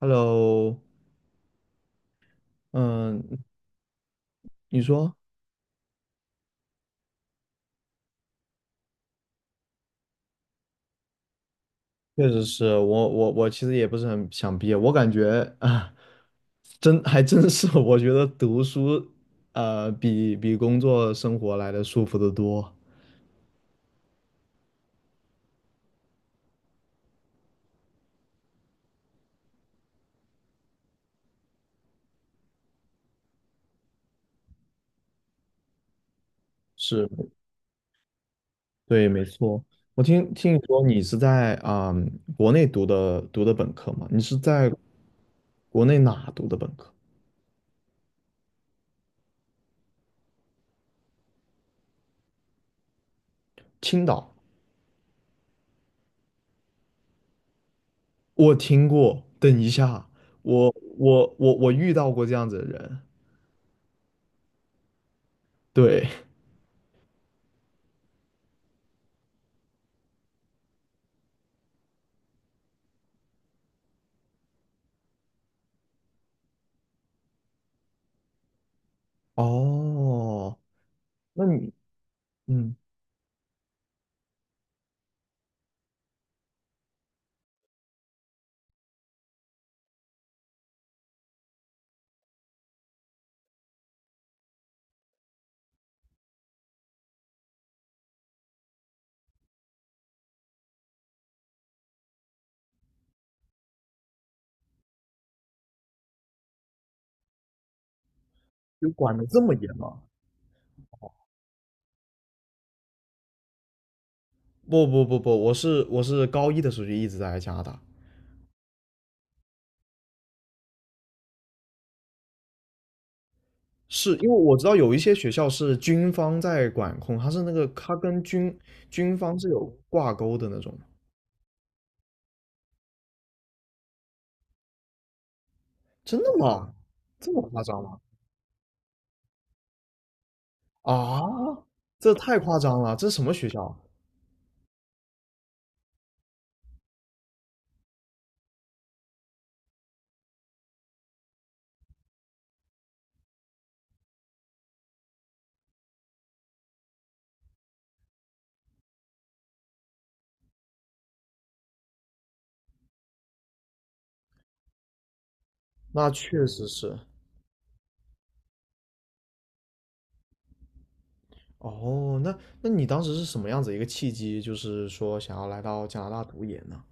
Hello。嗯。你说。确实是我其实也不是很想毕业，我感觉啊，真还真是，我觉得读书比工作生活来的舒服得多。是，对，没错。我听你说你是在国内读的本科吗？你是在国内哪读的本科？青岛，我听过。等一下，我我遇到过这样子的人，对。哦，那你嗯，就管得这么严吗？不不不不，我是高一的时候就一直在加拿大，是因为我知道有一些学校是军方在管控，它是那个它跟军方是有挂钩的那种。真的吗？这么夸张吗？啊，这太夸张了，这什么学校啊？那确实是。哦，那你当时是什么样子一个契机，就是说想要来到加拿大读研呢？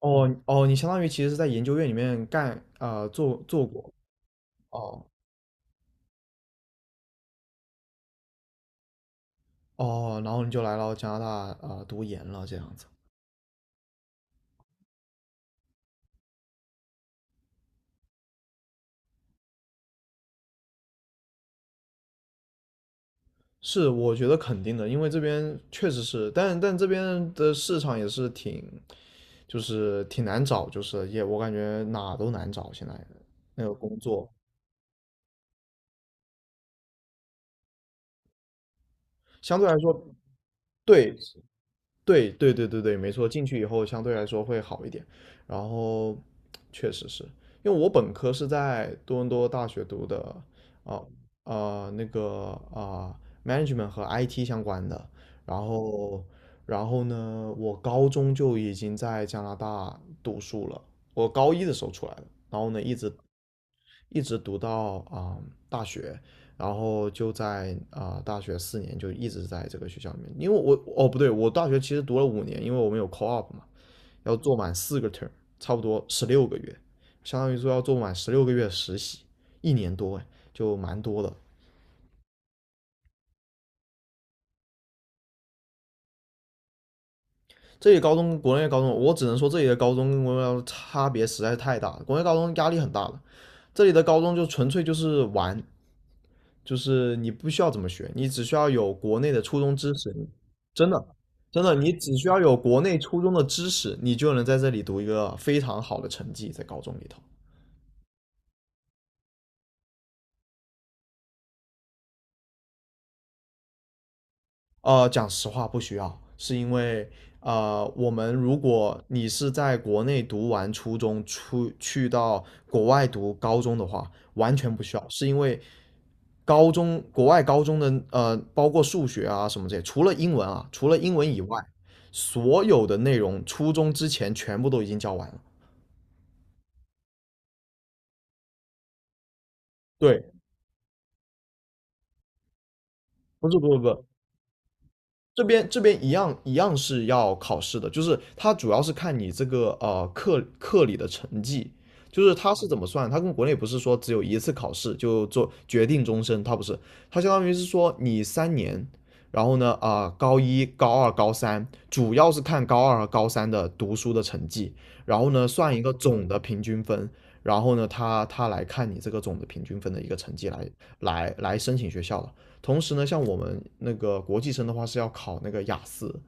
哦哦，你相当于其实是在研究院里面干做过。哦哦，然后你就来到加拿大读研了，这样子。是，我觉得肯定的，因为这边确实是，但这边的市场也是挺，就是挺难找，就是也我感觉哪都难找，现在那个工作相对来说，对，对对对对对，没错，进去以后相对来说会好一点。然后确实是因为我本科是在多伦多大学读的，啊、呃那个啊、management 和 IT 相关的。然后然后呢，我高中就已经在加拿大读书了，我高一的时候出来的，然后呢一直读到大学，然后就在大学四年就一直在这个学校里面，因为我哦不对，我大学其实读了5年，因为我们有 co-op 嘛，要做满4个 term，差不多16个月，相当于说要做满十六个月实习，一年多哎，就蛮多的。这里高中跟国内高中，我只能说这里的高中跟国内高中差别实在是太大了。国内高中压力很大了，这里的高中就纯粹就是玩，就是你不需要怎么学，你只需要有国内的初中知识，真的，真的，你只需要有国内初中的知识，你就能在这里读一个非常好的成绩在高中里头。讲实话不需要，是因为我们如果你是在国内读完初中，出去到国外读高中的话，完全不需要，是因为高中国外高中的包括数学啊什么这些，除了英文啊，除了英文以外，所有的内容初中之前全部都已经教完了。对，不是不是不是，这边一样是要考试的，就是它主要是看你这个课里的成绩，就是它是怎么算，它跟国内不是说只有一次考试就做决定终身，它不是，它相当于是说你3年，然后呢高一、高二、高三，主要是看高二和高三的读书的成绩，然后呢算一个总的平均分，然后呢它来看你这个总的平均分的一个成绩来申请学校的。同时呢，像我们那个国际生的话是要考那个雅思，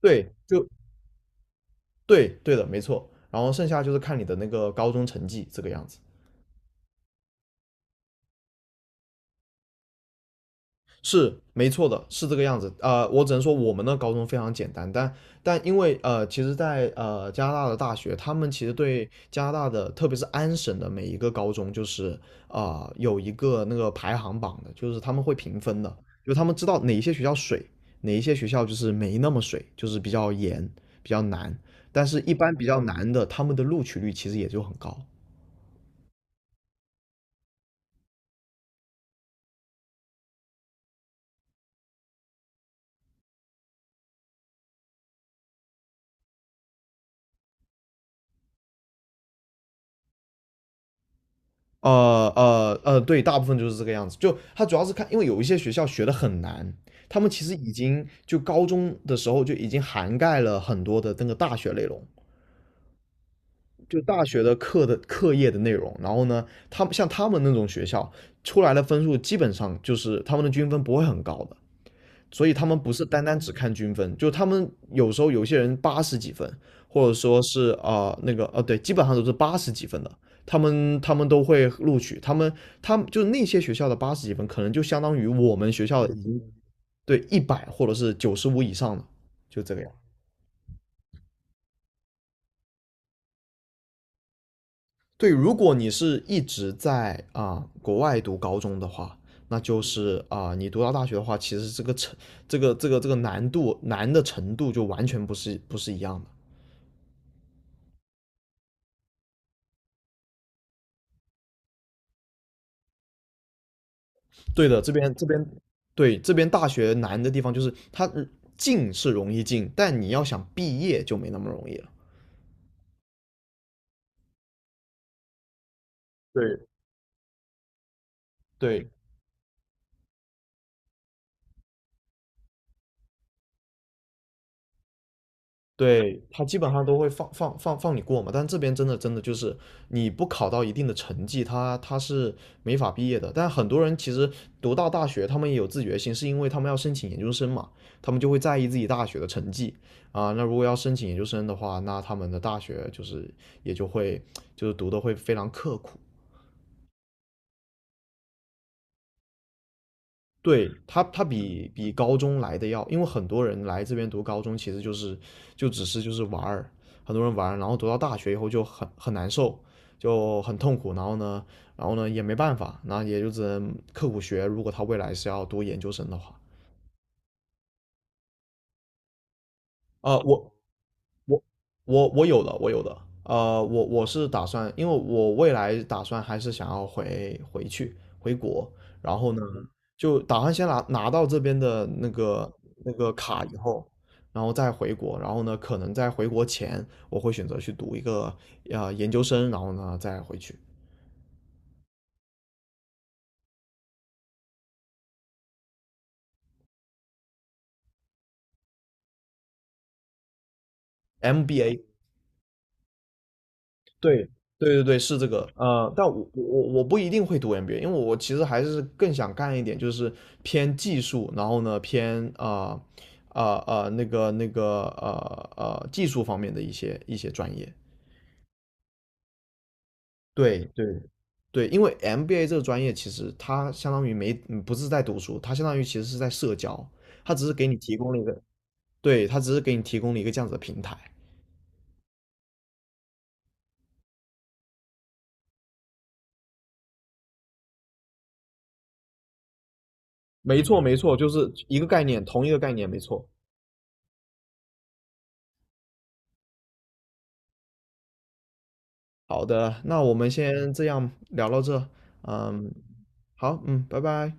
对，就对对的，没错。然后剩下就是看你的那个高中成绩这个样子。是没错的，是这个样子。我只能说我们的高中非常简单，但因为其实在，在加拿大的大学，他们其实对加拿大的，特别是安省的每一个高中，就是有一个那个排行榜的，就是他们会评分的，就他们知道哪一些学校水，哪一些学校就是没那么水，就是比较严，比较难。但是，一般比较难的，他们的录取率其实也就很高。对，大部分就是这个样子。就他主要是看，因为有一些学校学的很难，他们其实已经就高中的时候就已经涵盖了很多的那个大学内容，就大学的课业的内容。然后呢，他们像他们那种学校出来的分数，基本上就是他们的均分不会很高的。所以他们不是单单只看均分，就他们有时候有些人八十几分，或者说是那个对，基本上都是八十几分的，他们都会录取，他们就那些学校的八十几分，可能就相当于我们学校已经对100或者是95以上的，就这个样。对，如果你是一直在国外读高中的话，那就是你读到大学的话，其实这个程这个这个这个难度难的程度就完全不是一样的。对的，这边对这边大学难的地方就是它进是容易进，但你要想毕业就没那么容易了。对对对，他基本上都会放你过嘛，但这边真的真的就是你不考到一定的成绩，他是没法毕业的。但很多人其实读到大学，他们也有自觉性，是因为他们要申请研究生嘛，他们就会在意自己大学的成绩啊。那如果要申请研究生的话，那他们的大学就是也就会就是读的会非常刻苦。对，他比高中来的要，因为很多人来这边读高中，其实就是就只是就是玩儿，很多人玩儿，然后读到大学以后就很难受，就很痛苦，然后呢，也没办法，然后也就只能刻苦学，如果他未来是要读研究生的话，啊、我我我有的，我有的。我是打算，因为我未来打算还是想要回去回国，然后呢，就打算先拿到这边的那个卡以后，然后再回国，然后呢，可能在回国前我会选择去读一个研究生，然后呢再回去 MBA。对对对对，是这个，但我不一定会读 MBA，因为我其实还是更想干一点，就是偏技术，然后呢偏那个技术方面的一些专业。对对对，因为 MBA 这个专业其实它相当于没不是在读书，它相当于其实是在社交，它只是给你提供了一个，对，它只是给你提供了一个这样子的平台。没错没错，就是一个概念，同一个概念，没错。好的，那我们先这样聊到这，嗯，好，嗯，拜拜。